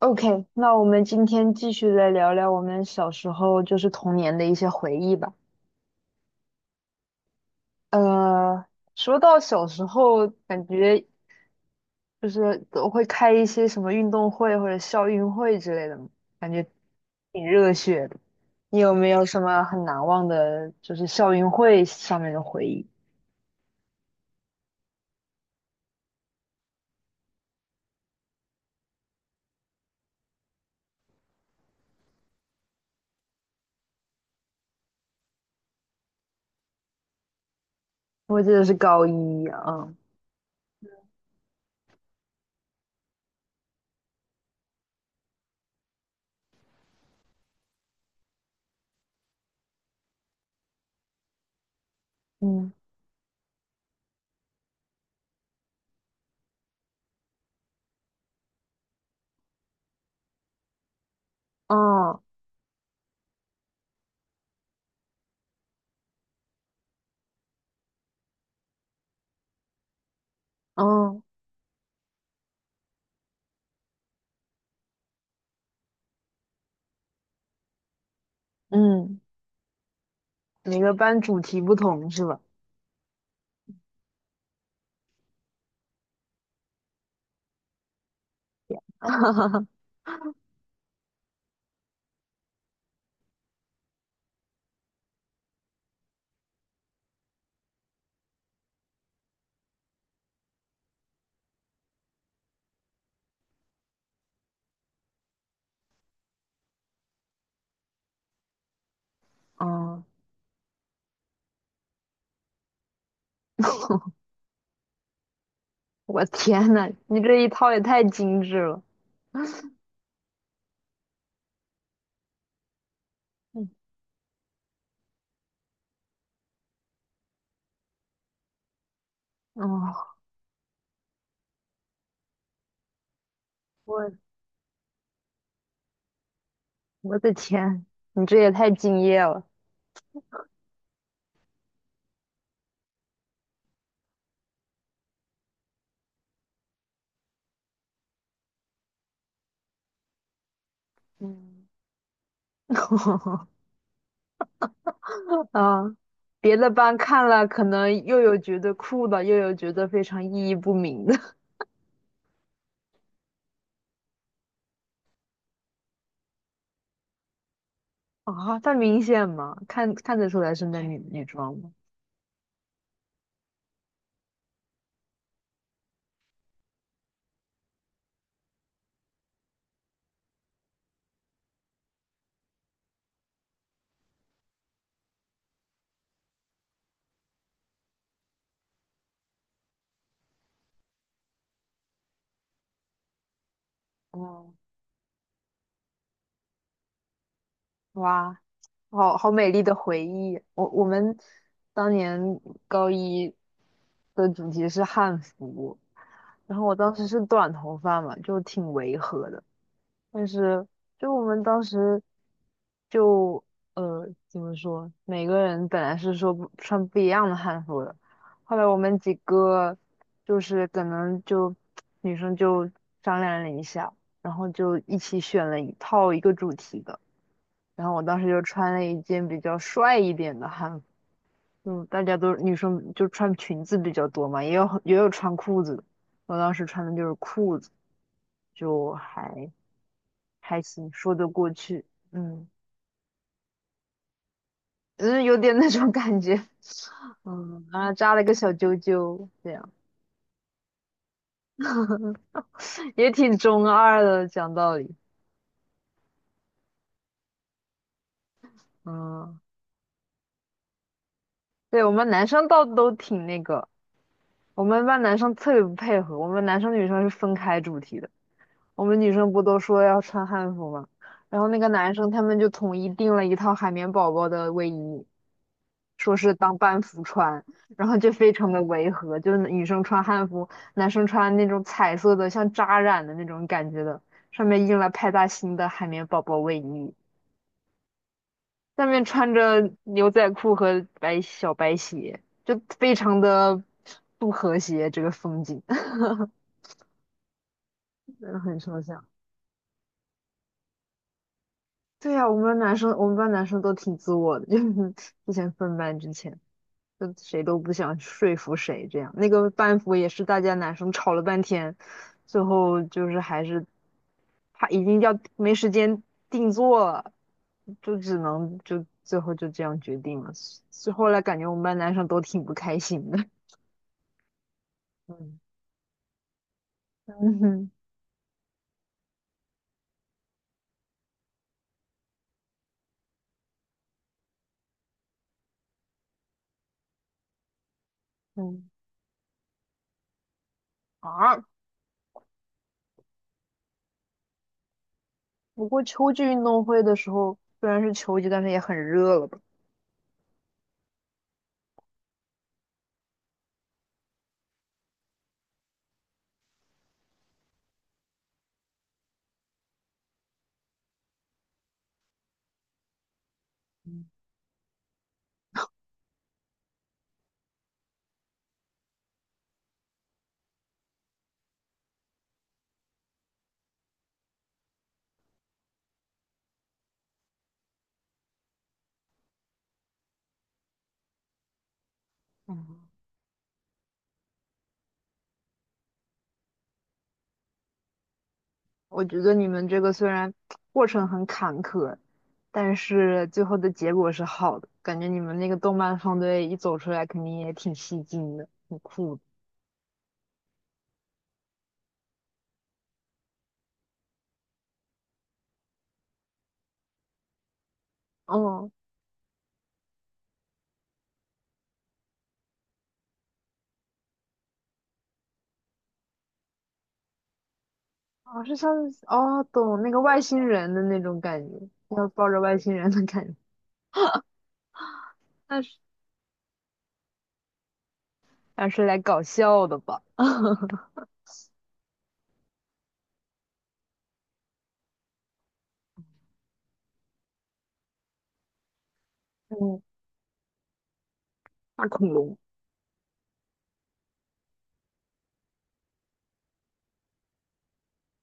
OK，那我们今天继续来聊聊我们小时候就是童年的一些回忆吧。呃，说到小时候，感觉就是都会开一些什么运动会或者校运会之类的嘛，感觉挺热血的。你有没有什么很难忘的，就是校运会上面的回忆？我记得是高一啊。嗯嗯嗯嗯。每个班主题不同是吧？嗯 我天呐，你这一套也太精致了。嗯，哦，我我的天，你这也太敬业了。嗯，啊，别的班看了可能又有觉得酷的，又有觉得非常意义不明的。啊，它明显吗？看得出来是那女装吗？哦，哇，好美丽的回忆。我们当年高一的主题是汉服，然后我当时是短头发嘛，就挺违和的。但是就我们当时就怎么说，每个人本来是说不穿不一样的汉服的，后来我们几个就是可能就女生就商量了一下，然后就一起选了一套一个主题的，然后我当时就穿了一件比较帅一点的汉服。嗯，大家都女生就穿裙子比较多嘛，也有穿裤子的，我当时穿的就是裤子，就还。还行，说得过去，嗯，只是有点那种感觉。 嗯，然后扎了个小揪揪，这样也挺中二的，讲道理。嗯，对，我们男生倒都挺那个，我们班男生特别不配合，我们男生女生是分开主题的，我们女生不都说要穿汉服吗？然后那个男生他们就统一订了一套海绵宝宝的卫衣，说是当班服穿，然后就非常的违和，就是女生穿汉服，男生穿那种彩色的像扎染的那种感觉的，上面印了派大星的海绵宝宝卫衣，下面穿着牛仔裤和小白鞋，就非常的不和谐这个风景。真的很抽象。对呀、我们班男生都挺自我的，就是之前分班之前，就谁都不想说服谁这样。那个班服也是大家男生吵了半天，最后就是还是他已经要没时间定做了，就只能就最后就这样决定了。所以后来感觉我们班男生都挺不开心的。嗯嗯哼嗯啊，不过秋季运动会的时候虽然是秋季，但是也很热了吧？嗯，我觉得你们这个虽然过程很坎坷，但是最后的结果是好的。感觉你们那个动漫方队一走出来，肯定也挺吸睛的，很酷的。哦，哦，是像哦，懂那个外星人的那种感觉，要抱着外星人的感觉。那是那是来搞笑的吧？嗯，大恐龙，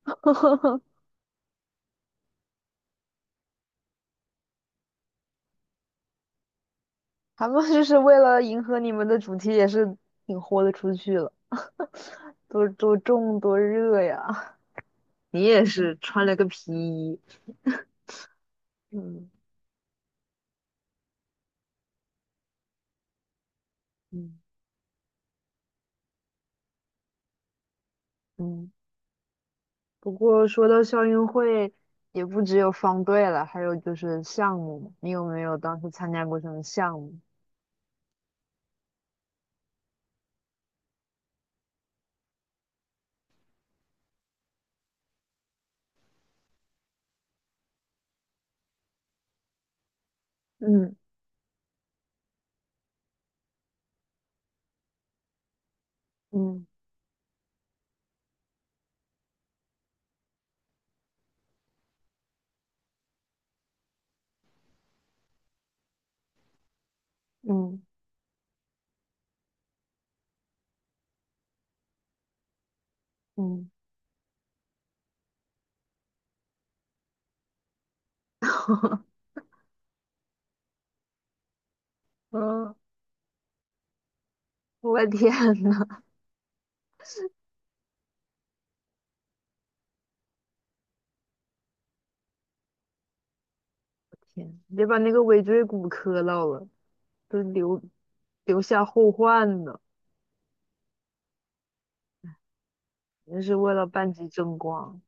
他们就是为了迎合你们的主题，也是挺豁得出去了，多重多热呀。你也是穿了个皮衣。嗯嗯嗯，不过说到校运会，也不只有方队了，还有就是项目嘛。你有没有当时参加过什么项目？嗯嗯嗯嗯。嗯，我天呐，天，别把那个尾椎骨磕到了，都留下后患呢。那是为了班级争光。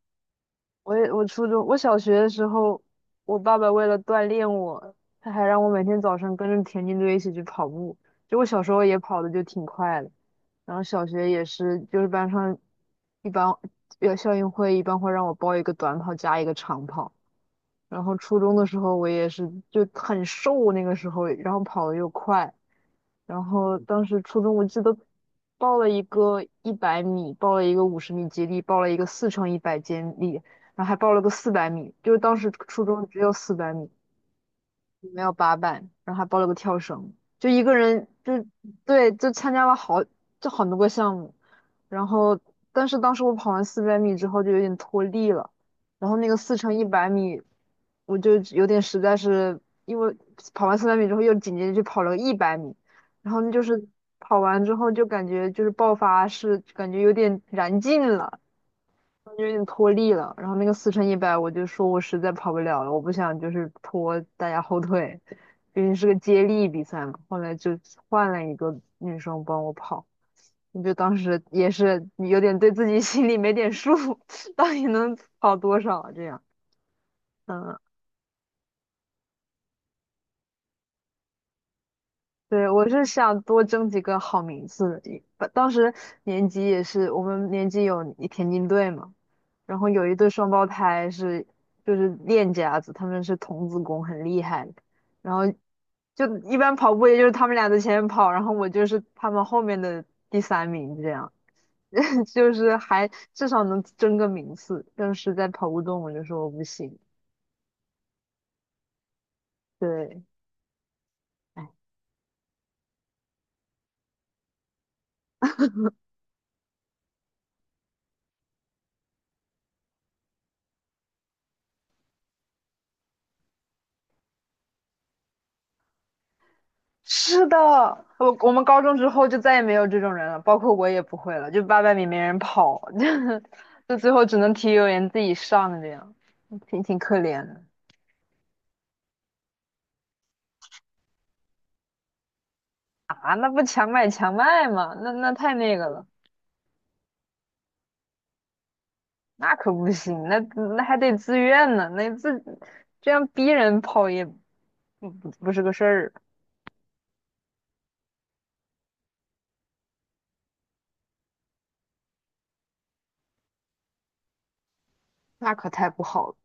我也我初中我小学的时候，我爸爸为了锻炼我，他还让我每天早上跟着田径队一起去跑步。就我小时候也跑的就挺快的，然后小学也是，就是班上一般要校运会一般会让我报一个短跑加一个长跑。然后初中的时候我也是就很瘦那个时候，然后跑的又快。然后当时初中我记得报了一个一百米，报了一个50米接力，报了一个四乘一百接力，然后还报了个四百米，就是当时初中只有四百米，没有八百，然后还报了个跳绳，就一个人就对，就参加了好就很多个项目。然后但是当时我跑完四百米之后就有点脱力了，然后那个4×100米，我就有点实在是因为跑完四百米之后又紧接着去跑了个一百米，然后就是跑完之后就感觉就是爆发是感觉有点燃尽了，就有点脱力了。然后那个四乘一百，我就说我实在跑不了了，我不想就是拖大家后腿，毕竟是个接力比赛嘛。后来就换了一个女生帮我跑，我就当时也是有点对自己 心里没点数，到底能跑多少啊这样。嗯，对，我是想多争几个好名次。当时年级也是我们年级有田径队嘛。然后有一对双胞胎是就是练家子，他们是童子功，很厉害。然后就一般跑步，也就是他们俩在前面跑，然后我就是他们后面的第三名，这样 就是还至少能争个名次。但是在跑步中，我就说我不行。对，哎，是的，我们高中之后就再也没有这种人了，包括我也不会了，就800米没人跑，就最后只能体育委员自己上这样，挺可怜的。啊，那不强买强卖吗？那太那个了，那可不行，那还得自愿呢，这样逼人跑也不是个事儿啊，那可太不好了。